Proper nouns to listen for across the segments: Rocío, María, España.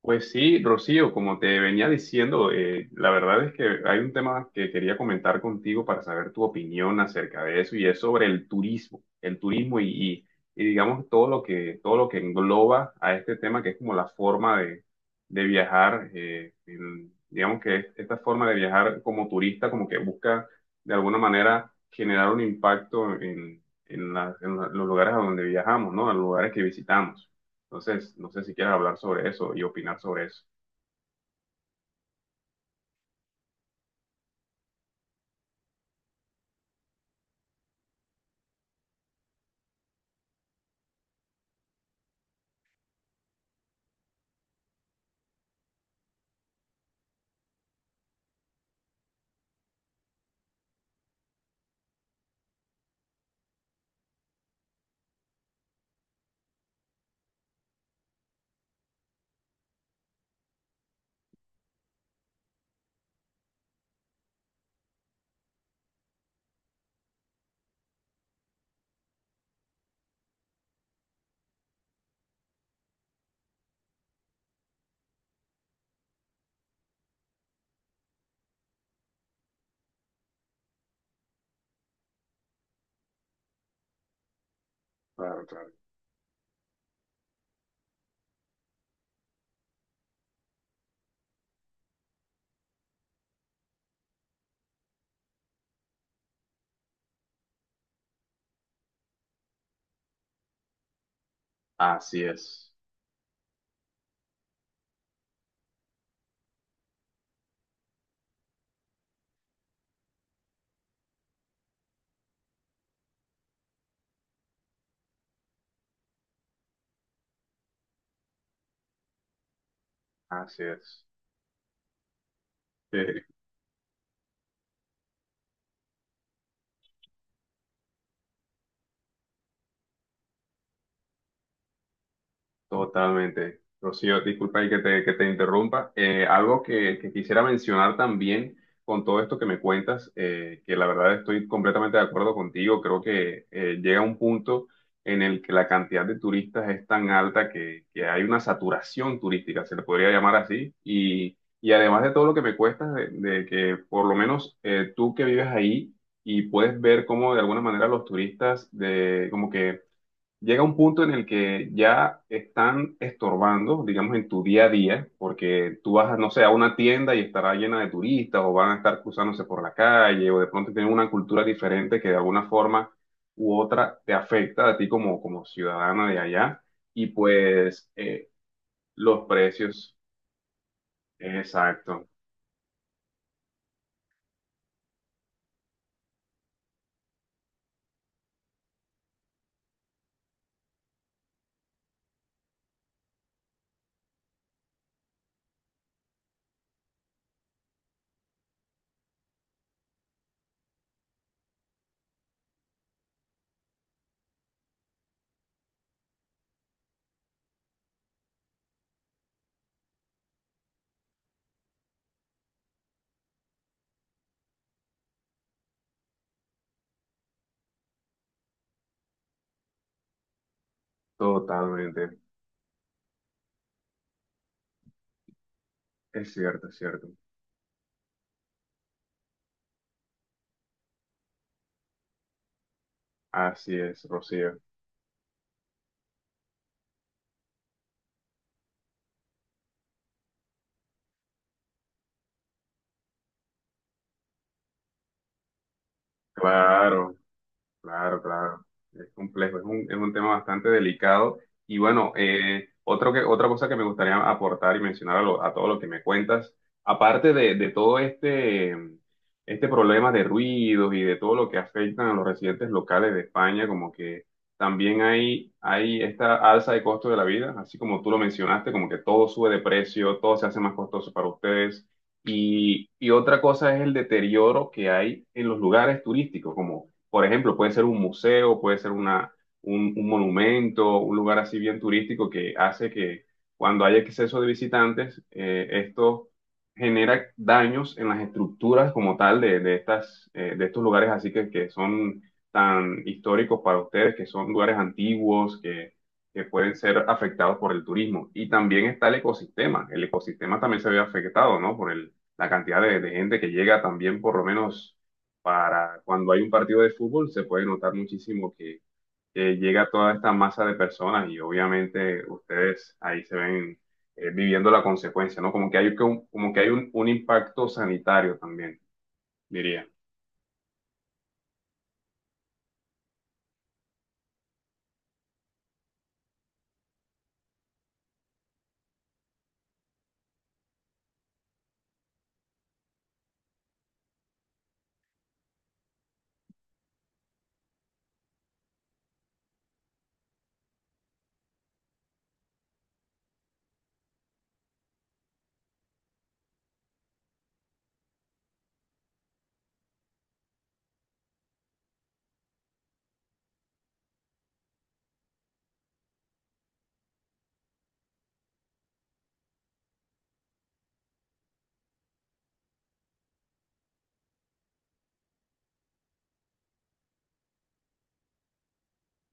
Pues sí, Rocío, como te venía diciendo, la verdad es que hay un tema que quería comentar contigo para saber tu opinión acerca de eso y es sobre el turismo, el turismo y, y- y digamos todo lo que engloba a este tema que es como la forma de viajar, digamos que esta forma de viajar como turista como que busca de alguna manera generar un impacto en los lugares a donde viajamos, ¿no? En los lugares que visitamos. Entonces, no sé si quieres hablar sobre eso y opinar sobre eso. Claro, claro. Así es, así es. Totalmente. Rocío, disculpa ahí que te interrumpa. Algo que quisiera mencionar también con todo esto que me cuentas, que la verdad estoy completamente de acuerdo contigo, creo que llega un punto en el que la cantidad de turistas es tan alta que hay una saturación turística, se le podría llamar así, y además de todo lo que me cuesta, de que por lo menos tú que vives ahí y puedes ver cómo de alguna manera los turistas de, como que llega un punto en el que ya están estorbando, digamos, en tu día a día, porque tú vas, no sé, a una tienda y estará llena de turistas o van a estar cruzándose por la calle o de pronto tienen una cultura diferente que de alguna forma u otra te afecta a ti como, como ciudadana de allá y pues los precios, exacto, totalmente, es cierto, así es, Rocío, claro. Claro, claro, es complejo, es un tema bastante delicado. Y bueno, otro que, otra cosa que me gustaría aportar y mencionar a todo lo que me cuentas, aparte de todo este, este problema de ruidos y de todo lo que afectan a los residentes locales de España, como que también hay esta alza de costo de la vida, así como tú lo mencionaste, como que todo sube de precio, todo se hace más costoso para ustedes. Y otra cosa es el deterioro que hay en los lugares turísticos, por ejemplo, puede ser un museo, puede ser una, un monumento, un lugar así bien turístico que hace que cuando hay exceso de visitantes, esto genera daños en las estructuras como tal de estas, de estos lugares así que son tan históricos para ustedes, que son lugares antiguos, que pueden ser afectados por el turismo. Y también está el ecosistema. El ecosistema también se ve afectado, ¿no? Por el, la cantidad de gente que llega también por lo menos para cuando hay un partido de fútbol se puede notar muchísimo que llega toda esta masa de personas y obviamente ustedes ahí se ven viviendo la consecuencia, ¿no? Como que hay un impacto sanitario también, diría.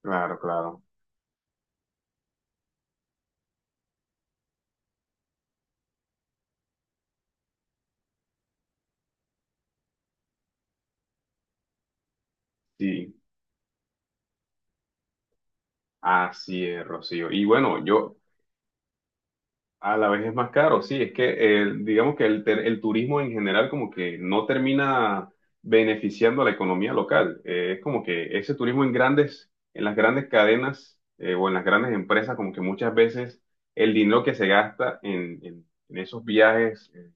Claro, claro. Sí, así es, Rocío. Y bueno, yo a la vez es más caro, sí, es que digamos que el turismo en general como que no termina beneficiando a la economía local. Es como que ese turismo en grandes, en las grandes cadenas o en las grandes empresas, como que muchas veces el dinero que se gasta en esos viajes eh,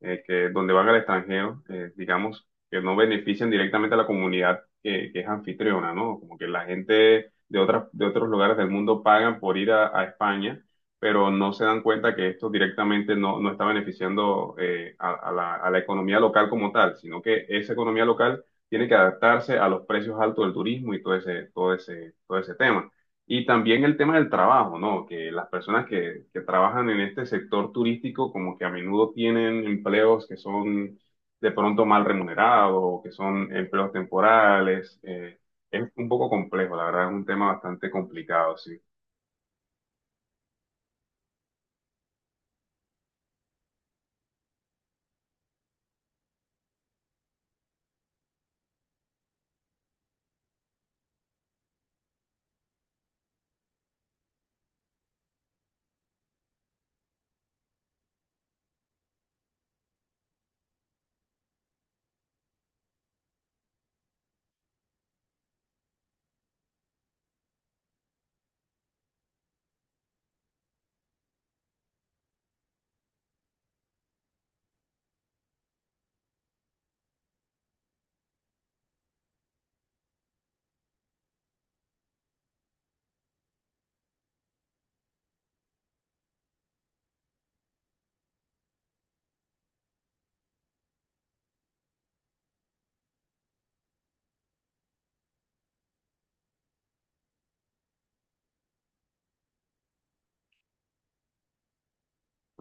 eh, que donde van al extranjero, digamos, que no benefician directamente a la comunidad que es anfitriona, ¿no? Como que la gente de otras, de otros lugares del mundo pagan por ir a España, pero no se dan cuenta que esto directamente no, no está beneficiando a la economía local como tal, sino que esa economía local tiene que adaptarse a los precios altos del turismo y todo ese, todo ese, todo ese tema. Y también el tema del trabajo, ¿no? Que las personas que trabajan en este sector turístico como que a menudo tienen empleos que son de pronto mal remunerados, o que son empleos temporales. Es un poco complejo, la verdad, es un tema bastante complicado, sí.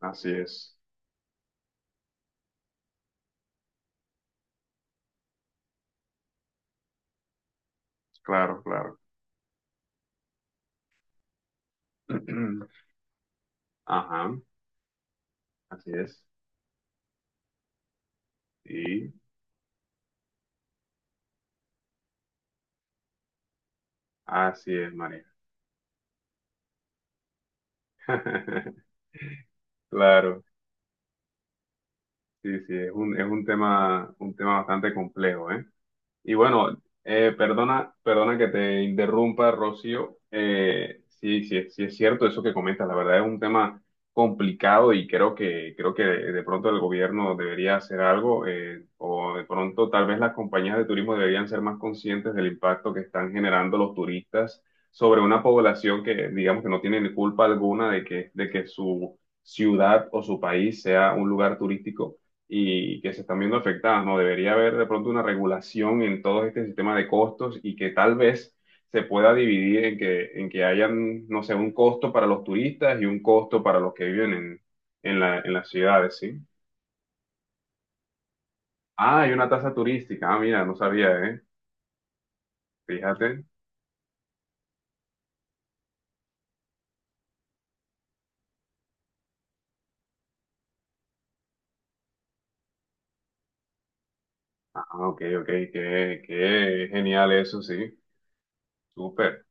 Así es, claro, claro. Ajá, así es. Sí, así es, María. Claro, sí, sí, es un tema bastante complejo, ¿eh? Y bueno, perdona, perdona que te interrumpa, Rocío. Sí, sí, sí es cierto eso que comentas. La verdad es un tema complicado y creo que de pronto el gobierno debería hacer algo o de pronto tal vez las compañías de turismo deberían ser más conscientes del impacto que están generando los turistas sobre una población que digamos que no tiene ni culpa alguna de que su ciudad o su país sea un lugar turístico y que se están viendo afectadas, ¿no? Debería haber de pronto una regulación en todo este sistema de costos y que tal vez se pueda dividir en que hayan, no sé, un costo para los turistas y un costo para los que viven en la, en las ciudades, ¿sí? Ah, hay una tasa turística, ah, mira, no sabía, ¿eh? Fíjate. Ah, ok, ok, qué, qué genial eso, sí. Súper.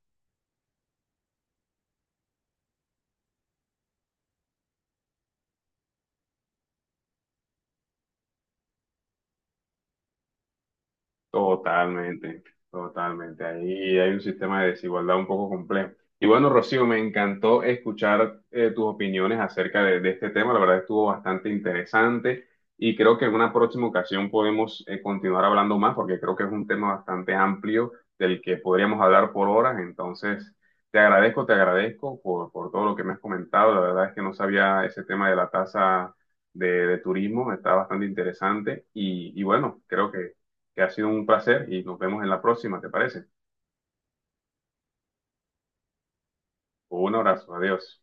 Totalmente, totalmente. Ahí hay un sistema de desigualdad un poco complejo. Y bueno, Rocío, me encantó escuchar tus opiniones acerca de este tema. La verdad estuvo bastante interesante y creo que en una próxima ocasión podemos continuar hablando más porque creo que es un tema bastante amplio del que podríamos hablar por horas. Entonces, te agradezco por todo lo que me has comentado. La verdad es que no sabía ese tema de la tasa de turismo, está bastante interesante y bueno, creo que ha sido un placer y nos vemos en la próxima, ¿te parece? Un abrazo, adiós.